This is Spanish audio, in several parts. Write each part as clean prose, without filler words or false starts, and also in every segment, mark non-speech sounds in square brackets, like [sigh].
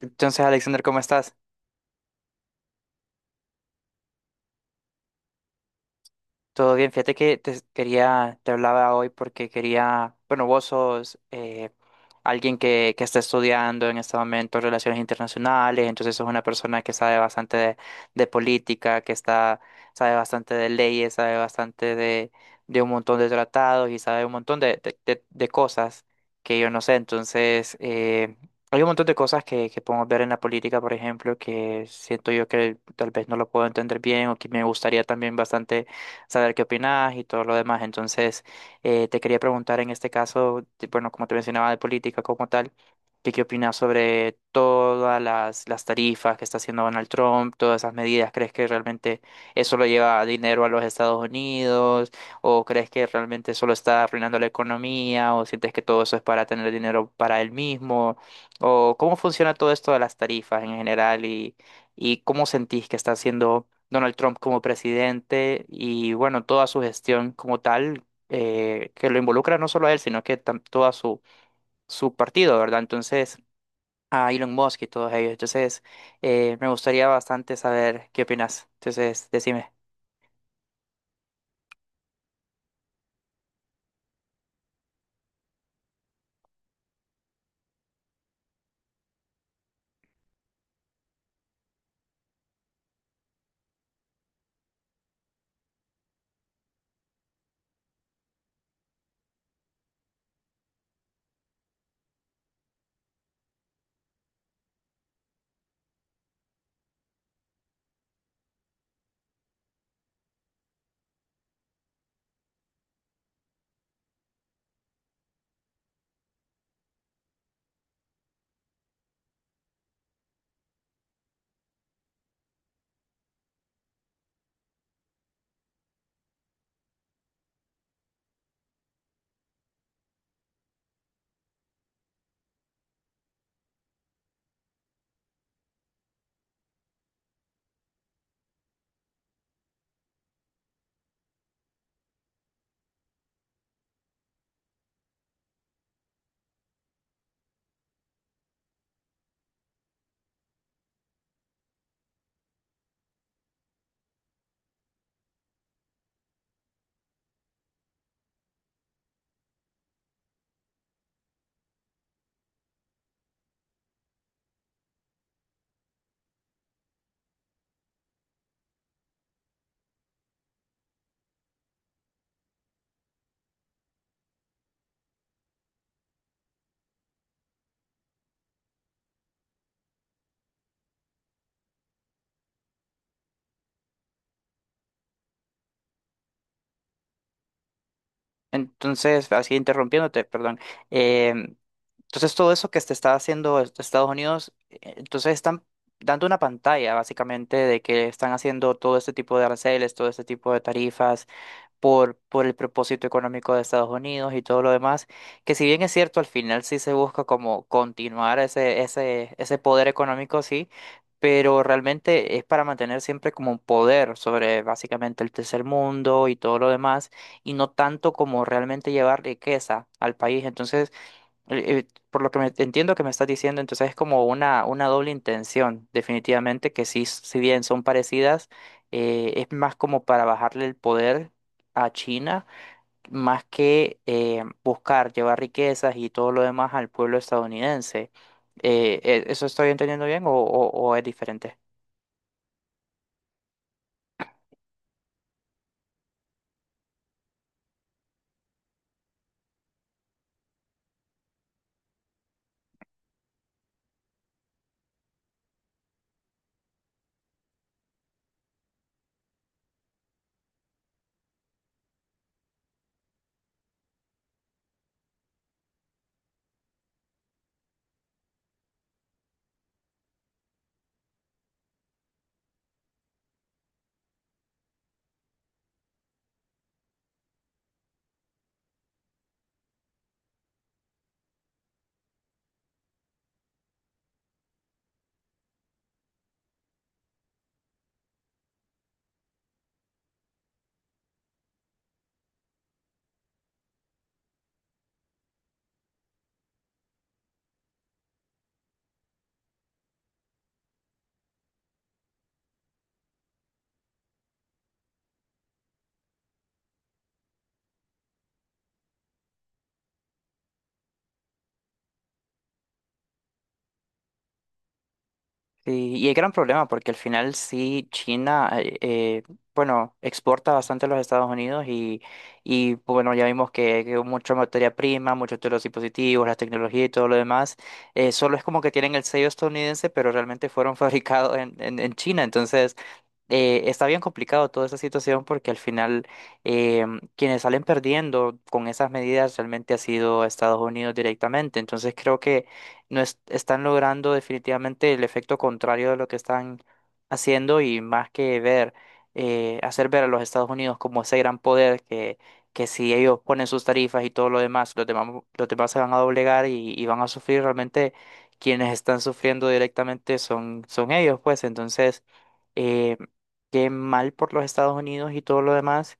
Entonces, Alexander, ¿cómo estás? Todo bien, fíjate que te quería, te hablaba hoy porque quería, bueno, vos sos alguien que está estudiando en este momento relaciones internacionales, entonces sos una persona que sabe bastante de política, que está, sabe bastante de leyes, sabe bastante de un montón de tratados y sabe un montón de cosas que yo no sé. Entonces, hay un montón de cosas que podemos ver en la política, por ejemplo, que siento yo que tal vez no lo puedo entender bien o que me gustaría también bastante saber qué opinas y todo lo demás. Entonces, te quería preguntar en este caso, de- bueno, como te mencionaba de política como tal, que qué opinas sobre todas las tarifas que está haciendo Donald Trump, todas esas medidas. ¿Crees que realmente eso lo lleva dinero a los Estados Unidos? ¿O crees que realmente solo está arruinando la economía? ¿O sientes que todo eso es para tener dinero para él mismo? ¿O cómo funciona todo esto de las tarifas en general y cómo sentís que está haciendo Donald Trump como presidente y bueno, toda su gestión como tal, que lo involucra no solo a él, sino que tam- toda su partido, ¿verdad? Entonces, a Elon Musk y todos ellos. Entonces, me gustaría bastante saber qué opinas. Entonces, decime. Entonces, así interrumpiéndote, perdón. Eh, entonces, todo eso que te está haciendo est- Estados Unidos, entonces están dando una pantalla básicamente de que están haciendo todo este tipo de aranceles, todo este tipo de tarifas por el propósito económico de Estados Unidos y todo lo demás, que si bien es cierto, al final sí se busca como continuar ese poder económico, sí, pero realmente es para mantener siempre como un poder sobre básicamente el tercer mundo y todo lo demás, y no tanto como realmente llevar riqueza al país. Entonces, por lo que me, entiendo que me estás diciendo, entonces es como una doble intención, definitivamente, que sí, si bien son parecidas, es más como para bajarle el poder a China, más que buscar llevar riquezas y todo lo demás al pueblo estadounidense. ¿Eso estoy entendiendo bien o es diferente? Sí, y hay gran problema porque al final sí China, bueno, exporta bastante a los Estados Unidos y bueno, ya vimos que mucha materia prima, muchos de los dispositivos, la tecnología y todo lo demás, solo es como que tienen el sello estadounidense, pero realmente fueron [laughs] fabricados en China. Entonces, está bien complicado toda esa situación porque al final eh, quienes salen perdiendo con esas medidas realmente ha sido Estados Unidos directamente. Entonces creo que no es- están logrando definitivamente el efecto contrario de lo que están haciendo y más que ver, hacer ver a los Estados Unidos como ese gran poder que si ellos ponen sus tarifas y todo lo demás, los demás, los demás se van a doblegar y van a sufrir realmente. Quienes están sufriendo directamente son ellos, pues entonces eh, que mal por los Estados Unidos y todo lo demás.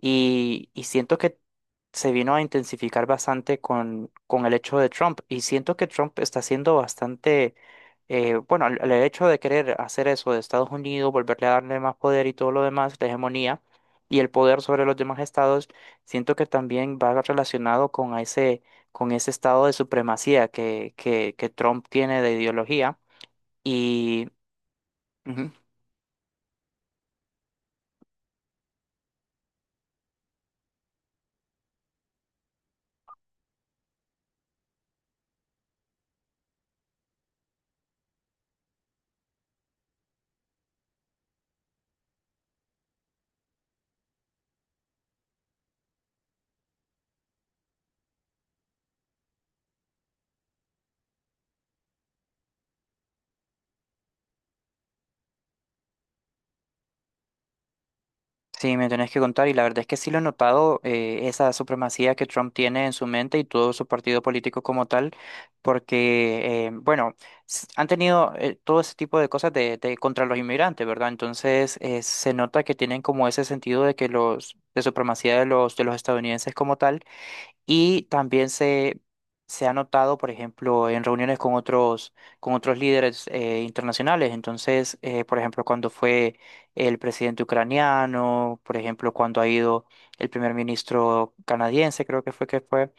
Y siento que se vino a intensificar bastante con el hecho de Trump. Y siento que Trump está siendo bastante, bueno, el hecho de querer hacer eso de Estados Unidos, volverle a darle más poder y todo lo demás, la hegemonía y el poder sobre los demás estados, siento que también va relacionado con a ese, con ese estado de supremacía que Trump tiene de ideología. Y, ujú. Sí, me tenés que contar, y la verdad es que sí lo he notado, esa supremacía que Trump tiene en su mente y todo su partido político como tal, porque, bueno, s- han tenido todo ese tipo de cosas de- contra los inmigrantes, ¿verdad? Entonces, se nota que tienen como ese sentido de que los, de supremacía de los estadounidenses como tal. Y también se ha notado, por ejemplo, en reuniones con otros líderes internacionales. Entonces, por ejemplo, cuando fue el presidente ucraniano, por ejemplo, cuando ha ido el primer ministro canadiense, creo que fue que fue.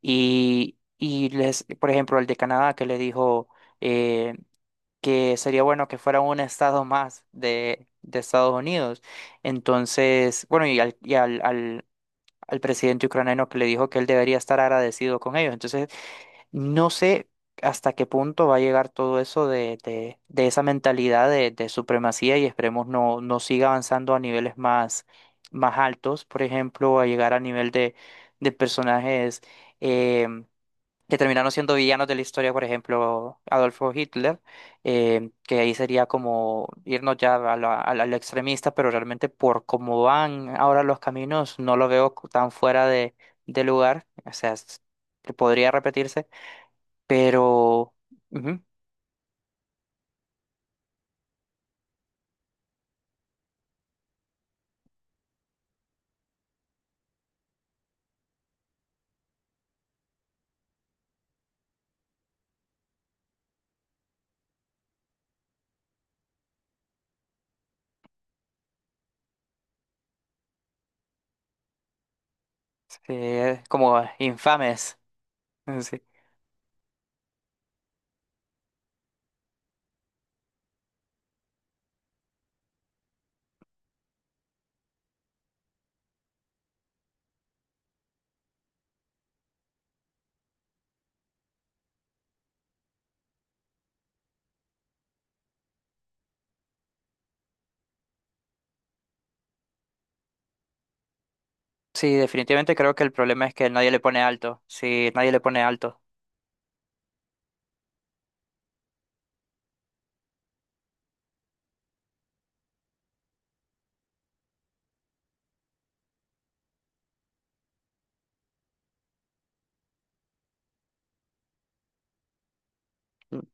Y les, por ejemplo, el de Canadá que le dijo eh, que sería bueno que fuera un estado más de Estados Unidos. Entonces, bueno, al, al presidente ucraniano que le dijo que él debería estar agradecido con ellos. Entonces, no sé hasta qué punto va a llegar todo eso de esa mentalidad de supremacía y esperemos no, no siga avanzando a niveles más, más altos, por ejemplo, a llegar a nivel de personajes. eh, que terminaron siendo villanos de la historia, por ejemplo, Adolfo Hitler, que ahí sería como irnos ya a la- al extremista, pero realmente por cómo van ahora los caminos, no lo veo cu- tan fuera de lugar, o sea, es- que podría repetirse, pero ujú, como infames. [laughs] Sí. Sí, definitivamente creo que el problema es que nadie le pone alto, sí, nadie le pone alto. Mm.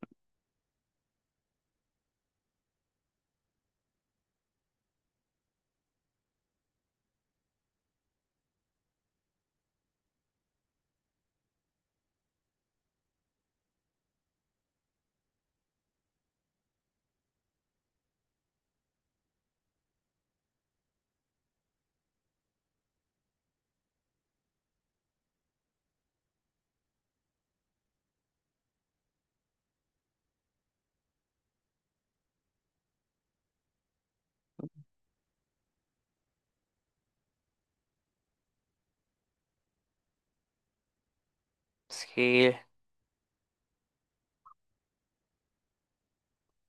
Sí.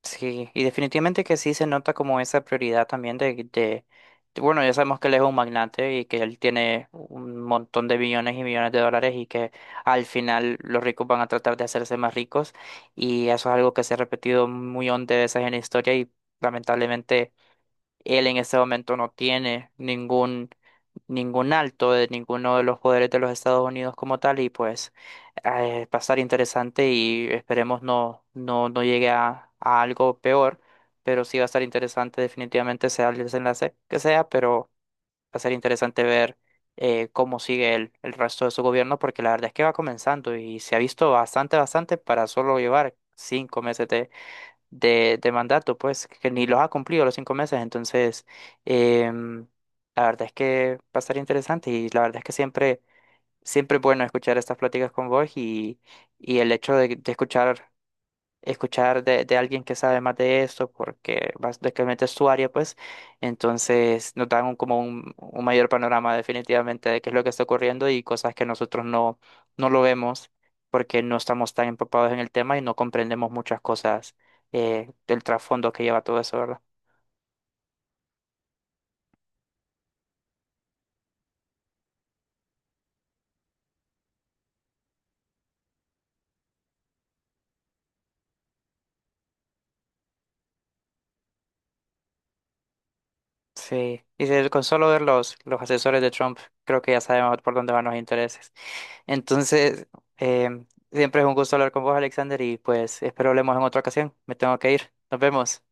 Sí, y definitivamente que sí se nota como esa prioridad también de- bueno, ya sabemos que él es un magnate y que él tiene un montón de billones y millones de dólares y que al final los ricos van a tratar de hacerse más ricos y eso es algo que se ha repetido muy millón veces en la historia y lamentablemente él en este momento no tiene ningún, ningún alto de ninguno de los poderes de los Estados Unidos como tal y pues va a estar interesante y esperemos no llegue a algo peor, pero sí va a estar interesante definitivamente sea el desenlace que sea, pero va a ser interesante ver cómo sigue el resto de su gobierno porque la verdad es que va comenzando y se ha visto bastante, bastante para solo llevar 5 meses de mandato, pues, que ni los ha cumplido los 5 meses. Entonces, em, la verdad es que va a estar interesante y la verdad es que siempre, siempre es bueno escuchar estas pláticas con vos y el hecho de escuchar escuchar de alguien que sabe más de esto, porque básicamente es su área, pues, entonces nos dan un- como un mayor panorama definitivamente de qué es lo que está ocurriendo y cosas que nosotros no, no lo vemos porque no estamos tan empapados en el tema y no comprendemos muchas cosas del trasfondo que lleva todo eso, ¿verdad? Sí, y de- con solo ver los asesores de Trump, creo que ya sabemos por dónde van los intereses. Entonces, em, siempre es un gusto hablar con vos, Alexander, y pues espero hablemos en otra ocasión. Me tengo que ir. Nos vemos.